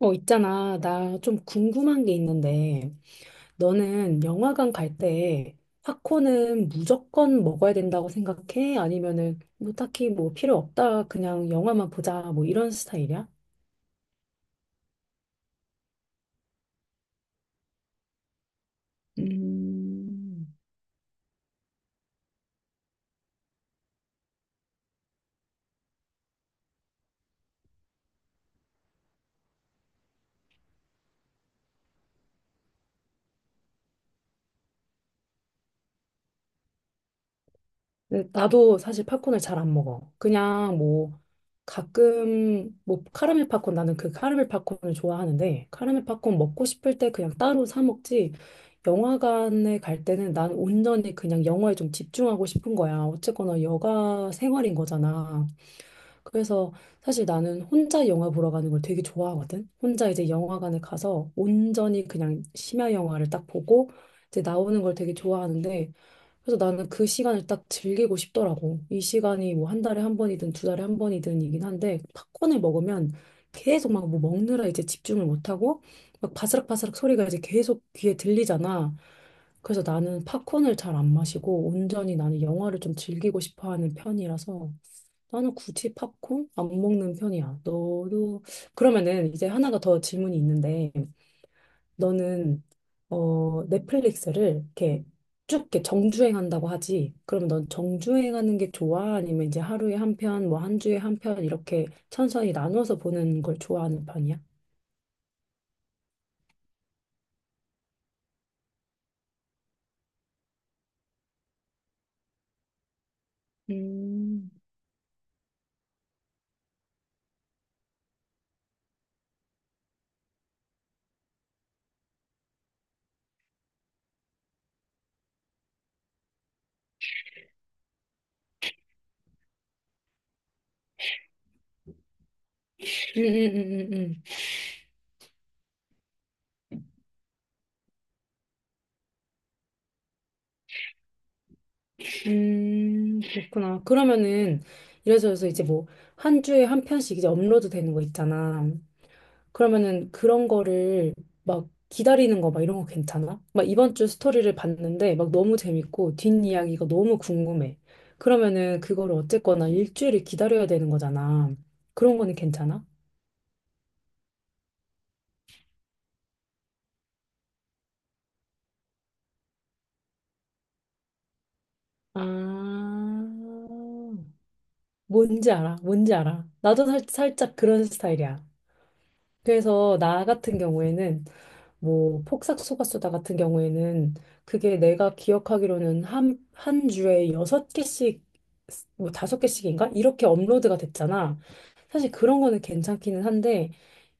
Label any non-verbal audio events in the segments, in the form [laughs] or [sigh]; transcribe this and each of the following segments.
있잖아. 나 좀 궁금한 게 있는데, 너는 영화관 갈 때 팝콘은 무조건 먹어야 된다고 생각해? 아니면은 뭐 딱히 뭐 필요 없다. 그냥 영화만 보자. 뭐 이런 스타일이야? 음. 근데 나도 사실 팝콘을 잘 안 먹어. 그냥 뭐 가끔 뭐 카라멜 팝콘 나는 그 카라멜 팝콘을 좋아하는데 카라멜 팝콘 먹고 싶을 때 그냥 따로 사 먹지. 영화관에 갈 때는 난 온전히 그냥 영화에 좀 집중하고 싶은 거야. 어쨌거나 여가 생활인 거잖아. 그래서 사실 나는 혼자 영화 보러 가는 걸 되게 좋아하거든. 혼자 이제 영화관에 가서 온전히 그냥 심야 영화를 딱 보고 이제 나오는 걸 되게 좋아하는데, 그래서 나는 그 시간을 딱 즐기고 싶더라고. 이 시간이 뭐 한 달에 한 번이든 두 달에 한 번이든이긴 한데 팝콘을 먹으면 계속 막 뭐 먹느라 이제 집중을 못하고 막 바스락바스락 소리가 이제 계속 귀에 들리잖아. 그래서 나는 팝콘을 잘 안 마시고 온전히 나는 영화를 좀 즐기고 싶어 하는 편이라서 나는 굳이 팝콘 안 먹는 편이야. 너도 그러면은 이제 하나가 더 질문이 있는데, 너는 넷플릭스를 이렇게 쭉 이렇게 정주행한다고 하지. 그럼 넌 정주행하는 게 좋아? 아니면 이제 하루에 한 편, 뭐 한 주에 한 편 이렇게 천천히 나눠서 보는 걸 좋아하는 편이야? 음, 음, 음, 음, 음, 그렇구나. 그러면은 이래저래서 이제 뭐 한 주에 한 편씩 이제 업로드 되는 거 있잖아. 그러면은 그런 거를 막 기다리는 거 막 이런 거 괜찮아? 막 이번 주 스토리를 봤는데 막 너무 재밌고 뒷이야기가 너무 궁금해. 그러면은 그거를 어쨌거나 일주일을 기다려야 되는 거잖아. 그런 거는 괜찮아? 아, 뭔지 알아? 뭔지 알아? 나도 살짝 그런 스타일이야. 그래서 나 같은 경우에는 뭐 폭삭 속았수다 같은 경우에는 그게 내가 기억하기로는 한 주에 여섯 개씩 뭐 다섯 개씩인가 이렇게 업로드가 됐잖아. 사실 그런 거는 괜찮기는 한데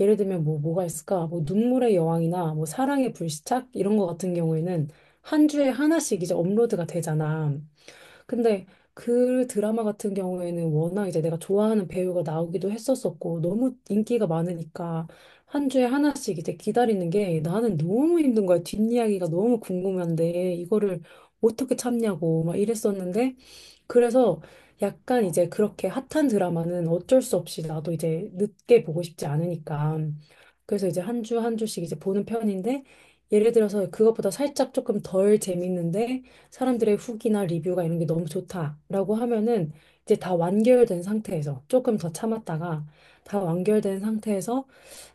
예를 들면 뭐 뭐가 있을까? 뭐 눈물의 여왕이나 뭐 사랑의 불시착 이런 거 같은 경우에는 한 주에 하나씩 이제 업로드가 되잖아. 근데 그 드라마 같은 경우에는 워낙 이제 내가 좋아하는 배우가 나오기도 했었었고 너무 인기가 많으니까 한 주에 하나씩 이제 기다리는 게 나는 너무 힘든 거야. 뒷이야기가 너무 궁금한데 이거를 어떻게 참냐고 막 이랬었는데, 그래서 약간 이제 그렇게 핫한 드라마는 어쩔 수 없이 나도 이제 늦게 보고 싶지 않으니까. 그래서 이제 한 주 한 주씩 이제 보는 편인데, 예를 들어서 그것보다 살짝 조금 덜 재밌는데, 사람들의 후기나 리뷰가 이런 게 너무 좋다라고 하면은 이제 다 완결된 상태에서 조금 더 참았다가 다 완결된 상태에서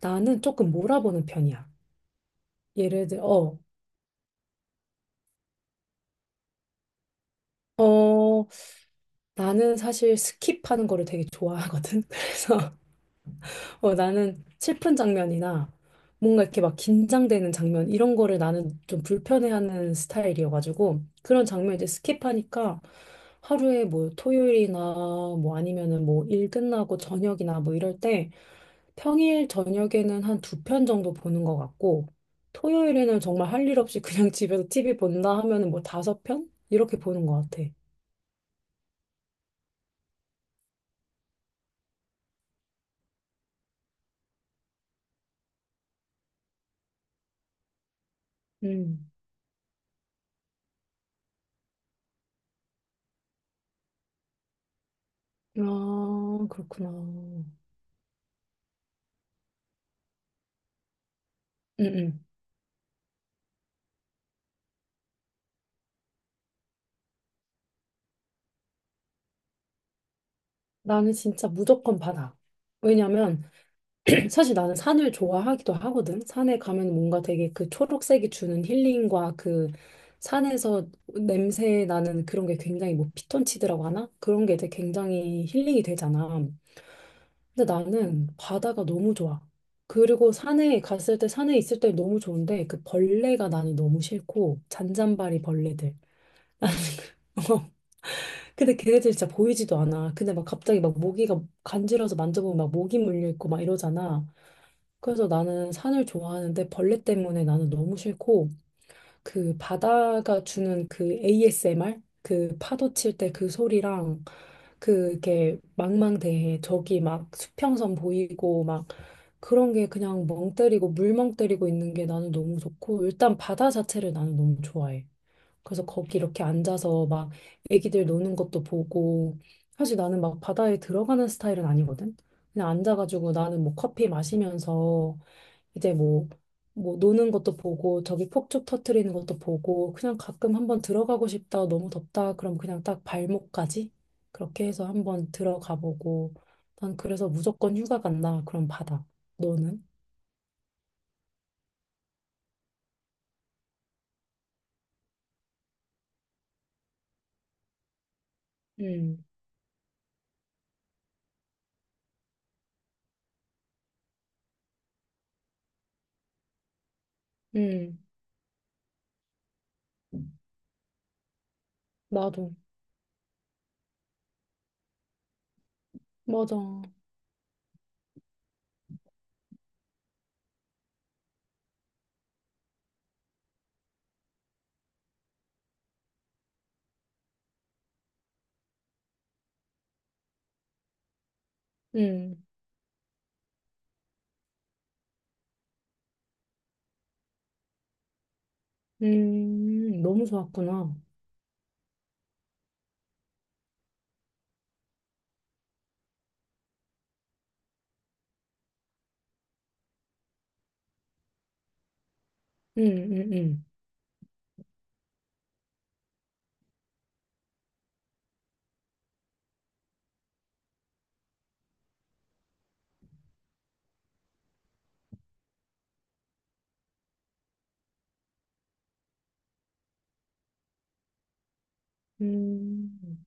나는 조금 몰아보는 편이야. 예를 들어, 어, 나는 사실 스킵하는 거를 되게 좋아하거든. [laughs] 그래서 나는 슬픈 장면이나 뭔가 이렇게 막 긴장되는 장면 이런 거를 나는 좀 불편해하는 스타일이어가지고 그런 장면 이제 스킵하니까 하루에 뭐 토요일이나 뭐 아니면은 뭐 일 끝나고 저녁이나 뭐 이럴 때 평일 저녁에는 한 두 편 정도 보는 것 같고 토요일에는 정말 할 일 없이 그냥 [laughs] 집에서 TV 본다 하면은 뭐 다섯 편 이렇게 보는 것 같아. 음. 아, 그렇구나. 응, 나는 진짜 무조건 바다. 왜냐면 [clears throat] 사실 나는 산을 좋아하기도 하거든. 산에 가면 뭔가 되게 그 초록색이 주는 힐링과 그 산에서 냄새 나는 그런 게 굉장히 뭐 피톤치드라고 하나? 그런 게 되게 굉장히 힐링이 되잖아. 근데 나는 바다가 너무 좋아. 그리고 산에 갔을 때 산에 있을 때 너무 좋은데 그 벌레가 나는 너무 싫고 잔잔바리 벌레들. [laughs] 근데 걔네들 진짜 보이지도 않아. 근데 막 갑자기 막 모기가 간지러워서 만져보면 막 모기 물려있고 막 이러잖아. 그래서 나는 산을 좋아하는데 벌레 때문에 나는 너무 싫고 그 바다가 주는 그 ASMR? 그 파도 칠 때 그 소리랑 그 이렇게 망망대해 저기 막 수평선 보이고 막 그런 게 그냥 멍 때리고 물멍 때리고 있는 게 나는 너무 좋고 일단 바다 자체를 나는 너무 좋아해. 그래서 거기 이렇게 앉아서 막 애기들 노는 것도 보고 사실 나는 막 바다에 들어가는 스타일은 아니거든. 그냥 앉아가지고 나는 뭐 커피 마시면서 이제 뭐 뭐 노는 것도 보고 저기 폭죽 터트리는 것도 보고 그냥 가끔 한번 들어가고 싶다 너무 덥다 그럼 그냥 딱 발목까지 그렇게 해서 한번 들어가 보고 난 그래서 무조건 휴가 간다 그럼 바다. 너는? 음, 음, 나도 맞아. 음, 너무 좋았구나. 음, 음, 음. 음,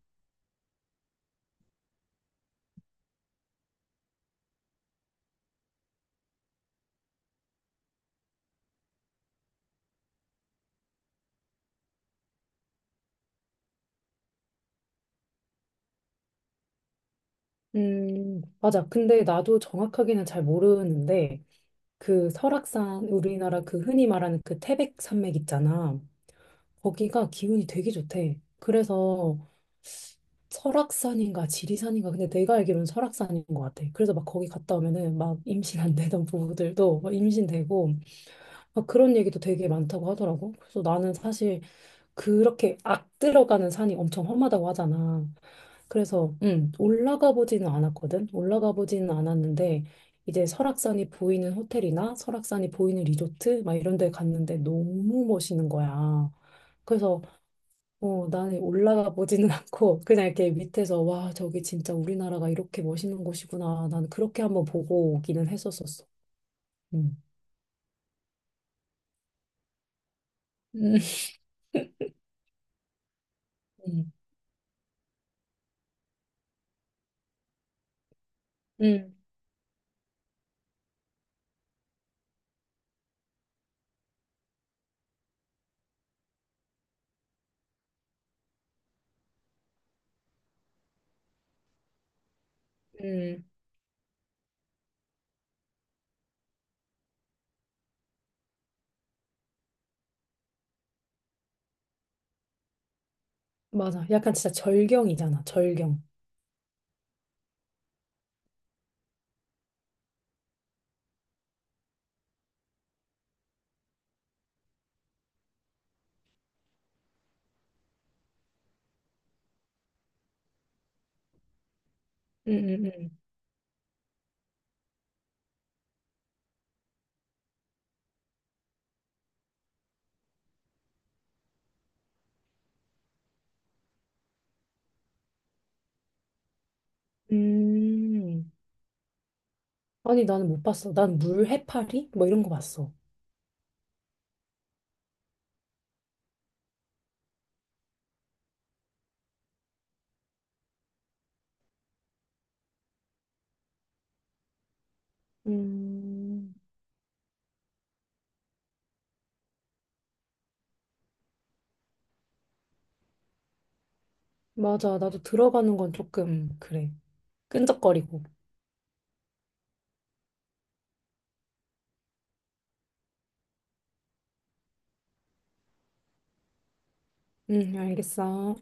맞아. 근데 나도 정확하게는 잘 모르는데, 그 설악산, 우리나라 그 흔히 말하는 그 태백 산맥 있잖아. 거기가 기운이 되게 좋대. 그래서 설악산인가 지리산인가. 근데 내가 알기로는 설악산인 것 같아. 그래서 막 거기 갔다 오면은 막 임신 안 되던 부부들도 막 임신되고, 막 그런 얘기도 되게 많다고 하더라고. 그래서 나는 사실 그렇게 악 들어가는 산이 엄청 험하다고 하잖아. 그래서 올라가 보지는 않았거든. 올라가 보지는 않았는데 이제 설악산이 보이는 호텔이나 설악산이 보이는 리조트 막 이런 데 갔는데 너무 멋있는 거야. 그래서 나는 올라가 보지는 [laughs] 않고 그냥 이렇게 밑에서 와, 저기 진짜 우리나라가 이렇게 멋있는 곳이구나. 나는 그렇게 한번 보고 오기는 했었었어. 음. 음, 음. 음. 음. 맞아. 약간 진짜 절경이잖아. 절경. 음. 음. 음. 음. 아니, 나는 못 봤어. 난 물 해파리? 뭐 이런 거 봤어. 음, 맞아. 나도 들어가는 건 조금, 그래. 끈적거리고. 응, 알겠어.